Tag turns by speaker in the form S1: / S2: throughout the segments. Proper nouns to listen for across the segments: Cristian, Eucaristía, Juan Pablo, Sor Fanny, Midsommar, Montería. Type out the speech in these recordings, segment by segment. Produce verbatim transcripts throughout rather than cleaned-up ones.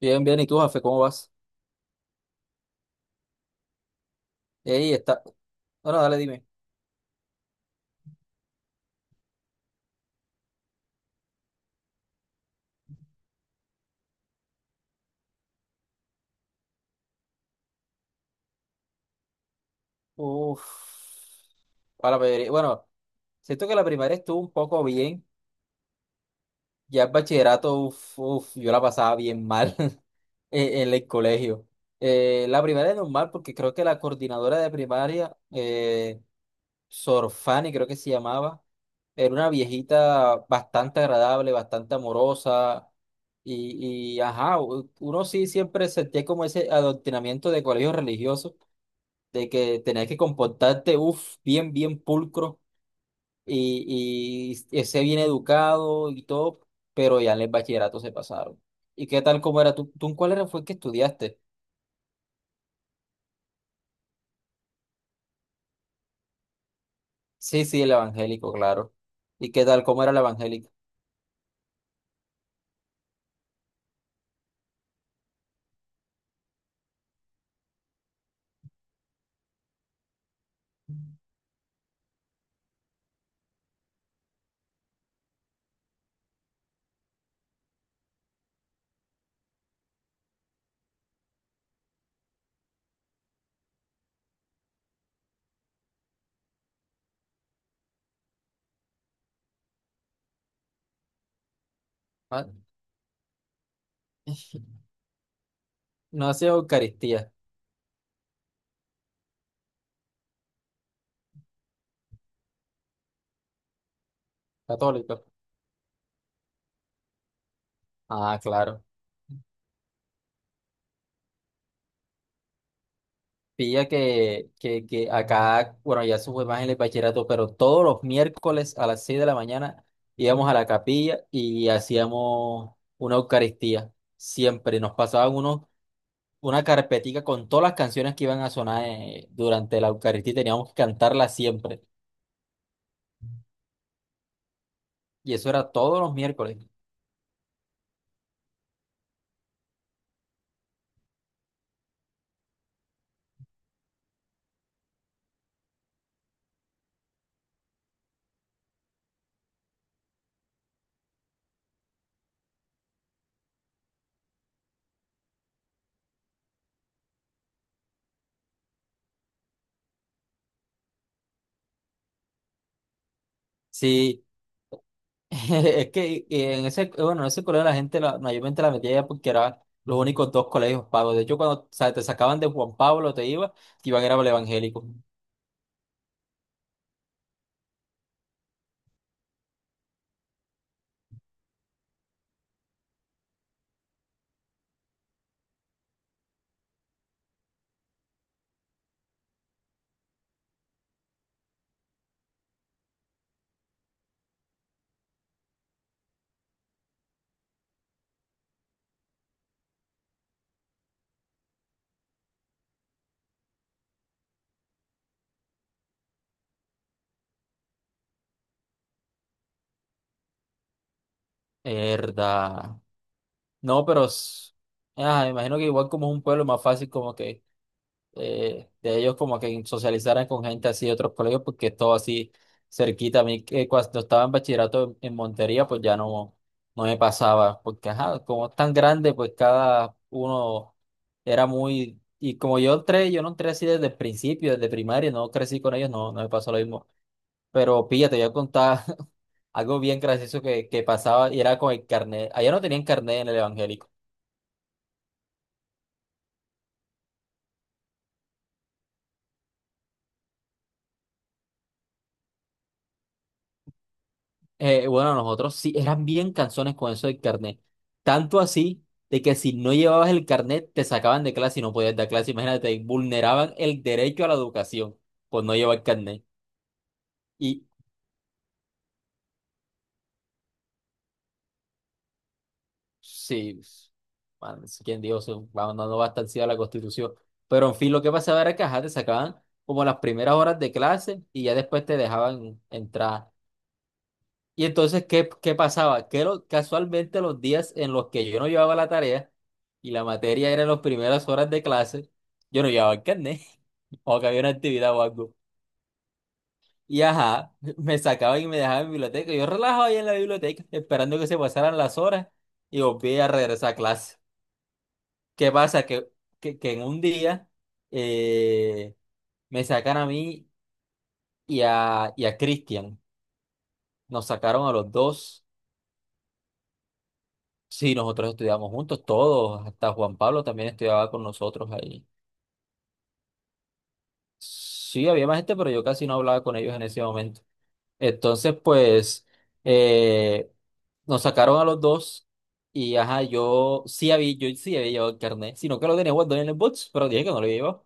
S1: Bien, bien. ¿Y tú, Jafe, cómo vas? Ey, está. Bueno, dale, dime. Uf. A la primaria- Bueno, siento que la primaria estuvo un poco bien. Ya el bachillerato, uf, uf, yo la pasaba bien mal en, en el colegio. Eh, la primaria es normal porque creo que la coordinadora de primaria, eh, Sor Fanny, creo que se llamaba, era una viejita bastante agradable, bastante amorosa. Y, y ajá, u- uno sí siempre sentía como ese adoctrinamiento de colegio religioso, de que tenés que comportarte, uff, bien, bien pulcro y, y, ese bien educado y todo, pero ya en el bachillerato se pasaron. ¿Y qué tal cómo era tú? ¿Tú en cuál era fue que estudiaste? Sí, sí, el evangélico, claro. ¿Y qué tal cómo era el evangélico? Ah, no hacía Eucaristía, católico. Ah, claro. Pilla que, que, que acá, bueno, ya eso fue más en el bachillerato, pero todos los miércoles a las seis de la mañana íbamos a la capilla y hacíamos una Eucaristía. Siempre nos pasaban unos, una carpetica con todas las canciones que iban a sonar eh, durante la Eucaristía y teníamos que cantarla siempre. Y eso era todos los miércoles. Sí. Es que eh, en ese, bueno, en ese colegio la gente la- mayormente la metía ya porque eran los únicos dos colegios pagos. De hecho, cuando o sea, te sacaban de Juan Pablo, te iba, te iban era para el evangélico. Herda. No, pero s- ah, me imagino que igual como es un pueblo más fácil como que eh, de ellos como que socializaran con gente así de otros colegios, porque es todo así cerquita. A mí que cuando estaba en bachillerato en, en Montería, pues ya no, no me pasaba, porque ajá, como es tan grande, pues cada uno era muy... Y como yo entré, yo no entré así desde el principio, desde primaria, no crecí con ellos, no, no me pasó lo mismo. Pero pilla, te voy a contar algo bien gracioso que, que pasaba y era con el carnet. Allá no tenían carnet en el evangélico. Eh, bueno, nosotros sí, eran bien canciones con eso del carnet. Tanto así de que si no llevabas el carnet, te sacaban de clase y no podías dar clase. Imagínate, vulneraban el derecho a la educación por no llevar carnet. Y sí, pues, man, quién dijo, se va no bastante a estar ciega la Constitución. Pero en fin, lo que pasaba era que ajá, te sacaban como las primeras horas de clase y ya después te dejaban entrar. Y entonces, ¿qué, qué pasaba? Que lo- casualmente los días en los que yo no llevaba la tarea y la materia era en las primeras horas de clase, yo no llevaba el carnet o que había una actividad o algo. Y ajá, me sacaban y me dejaban en biblioteca. Yo relajaba ahí en la biblioteca esperando que se pasaran las horas y volví a regresar a clase. ¿Qué pasa? Que, que, que en un día eh, me sacan a mí y a, y a Cristian. Nos sacaron a los dos. Sí, nosotros estudiamos juntos, todos, hasta Juan Pablo también estudiaba con nosotros ahí. Sí, había más gente, pero yo casi no hablaba con ellos en ese momento. Entonces, pues, eh, nos sacaron a los dos y, ajá, yo sí había, yo sí había llevado el carnet, sino que lo tenía guardado en el box, pero dije que no lo llevaba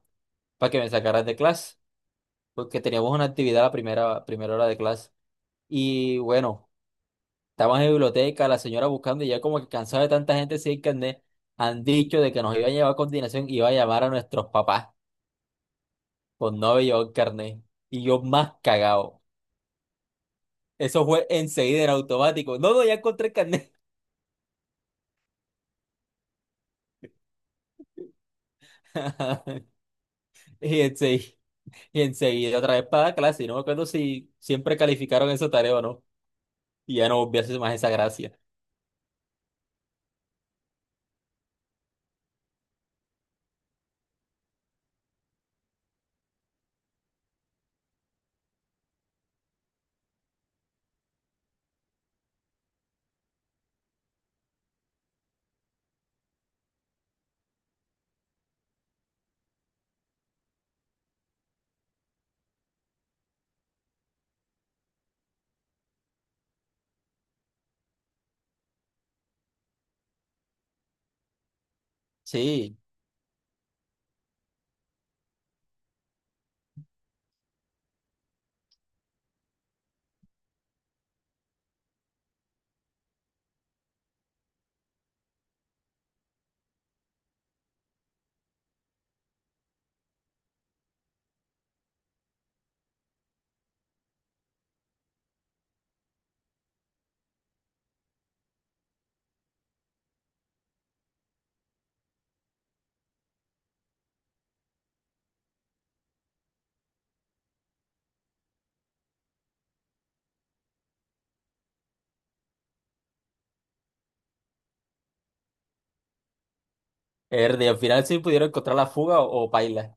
S1: para que me sacaran de clase, porque teníamos una actividad la primera, primera hora de clase. Y bueno. Estaba en la biblioteca, la señora buscando y ya como que cansado de tanta gente sin carnet, han dicho de que nos iba a llevar a continuación, iba a llamar a nuestros papás con no haber llevado el carnet. Y yo más cagado. Eso fue enseguida en automático. No, no, ya encontré el carnet. Y enseguida, y enseguida otra vez para la clase. Y no me acuerdo si siempre calificaron esa tarea o no. Y ya no volví a hacer más esa gracia. Sí. Ernie, al final sí pudieron encontrar la fuga o, o paila.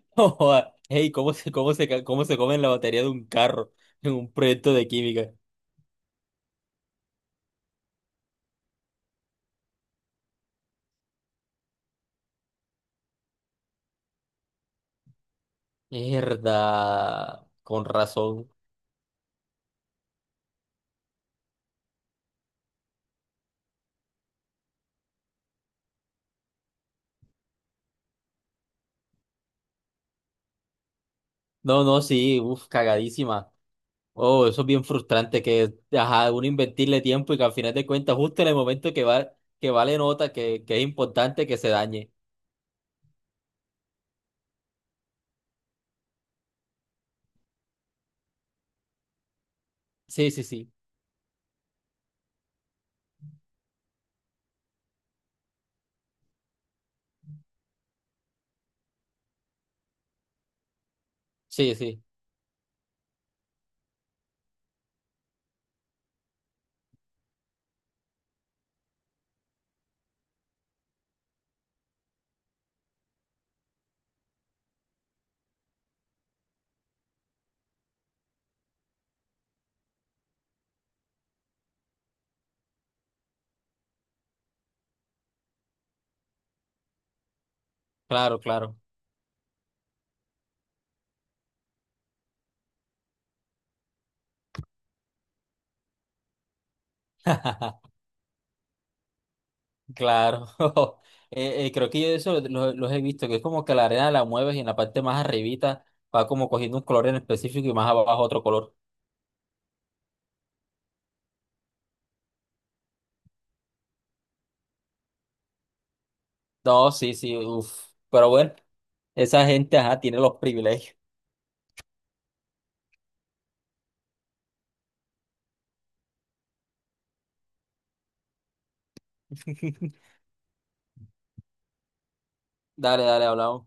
S1: Joda, ey, ¿cómo se, cómo se, ca- cómo se comen la batería de un carro en un proyecto de química? Mierda, con razón. No, no, sí, uff, cagadísima. Oh, eso es bien frustrante que, ajá, uno invertirle tiempo y que al final de cuentas, justo en el momento que va, que vale nota, que, que es importante que se dañe. Sí, sí, sí, sí, sí, claro, claro. Claro, Eh, eh, creo que yo eso lo- los he visto, que es como que la arena la mueves y en la parte más arribita va como cogiendo un color en específico y más abajo otro color. No, sí, sí, uff. Pero bueno, esa gente, ajá, tiene los privilegios. Dale, dale, hablamos.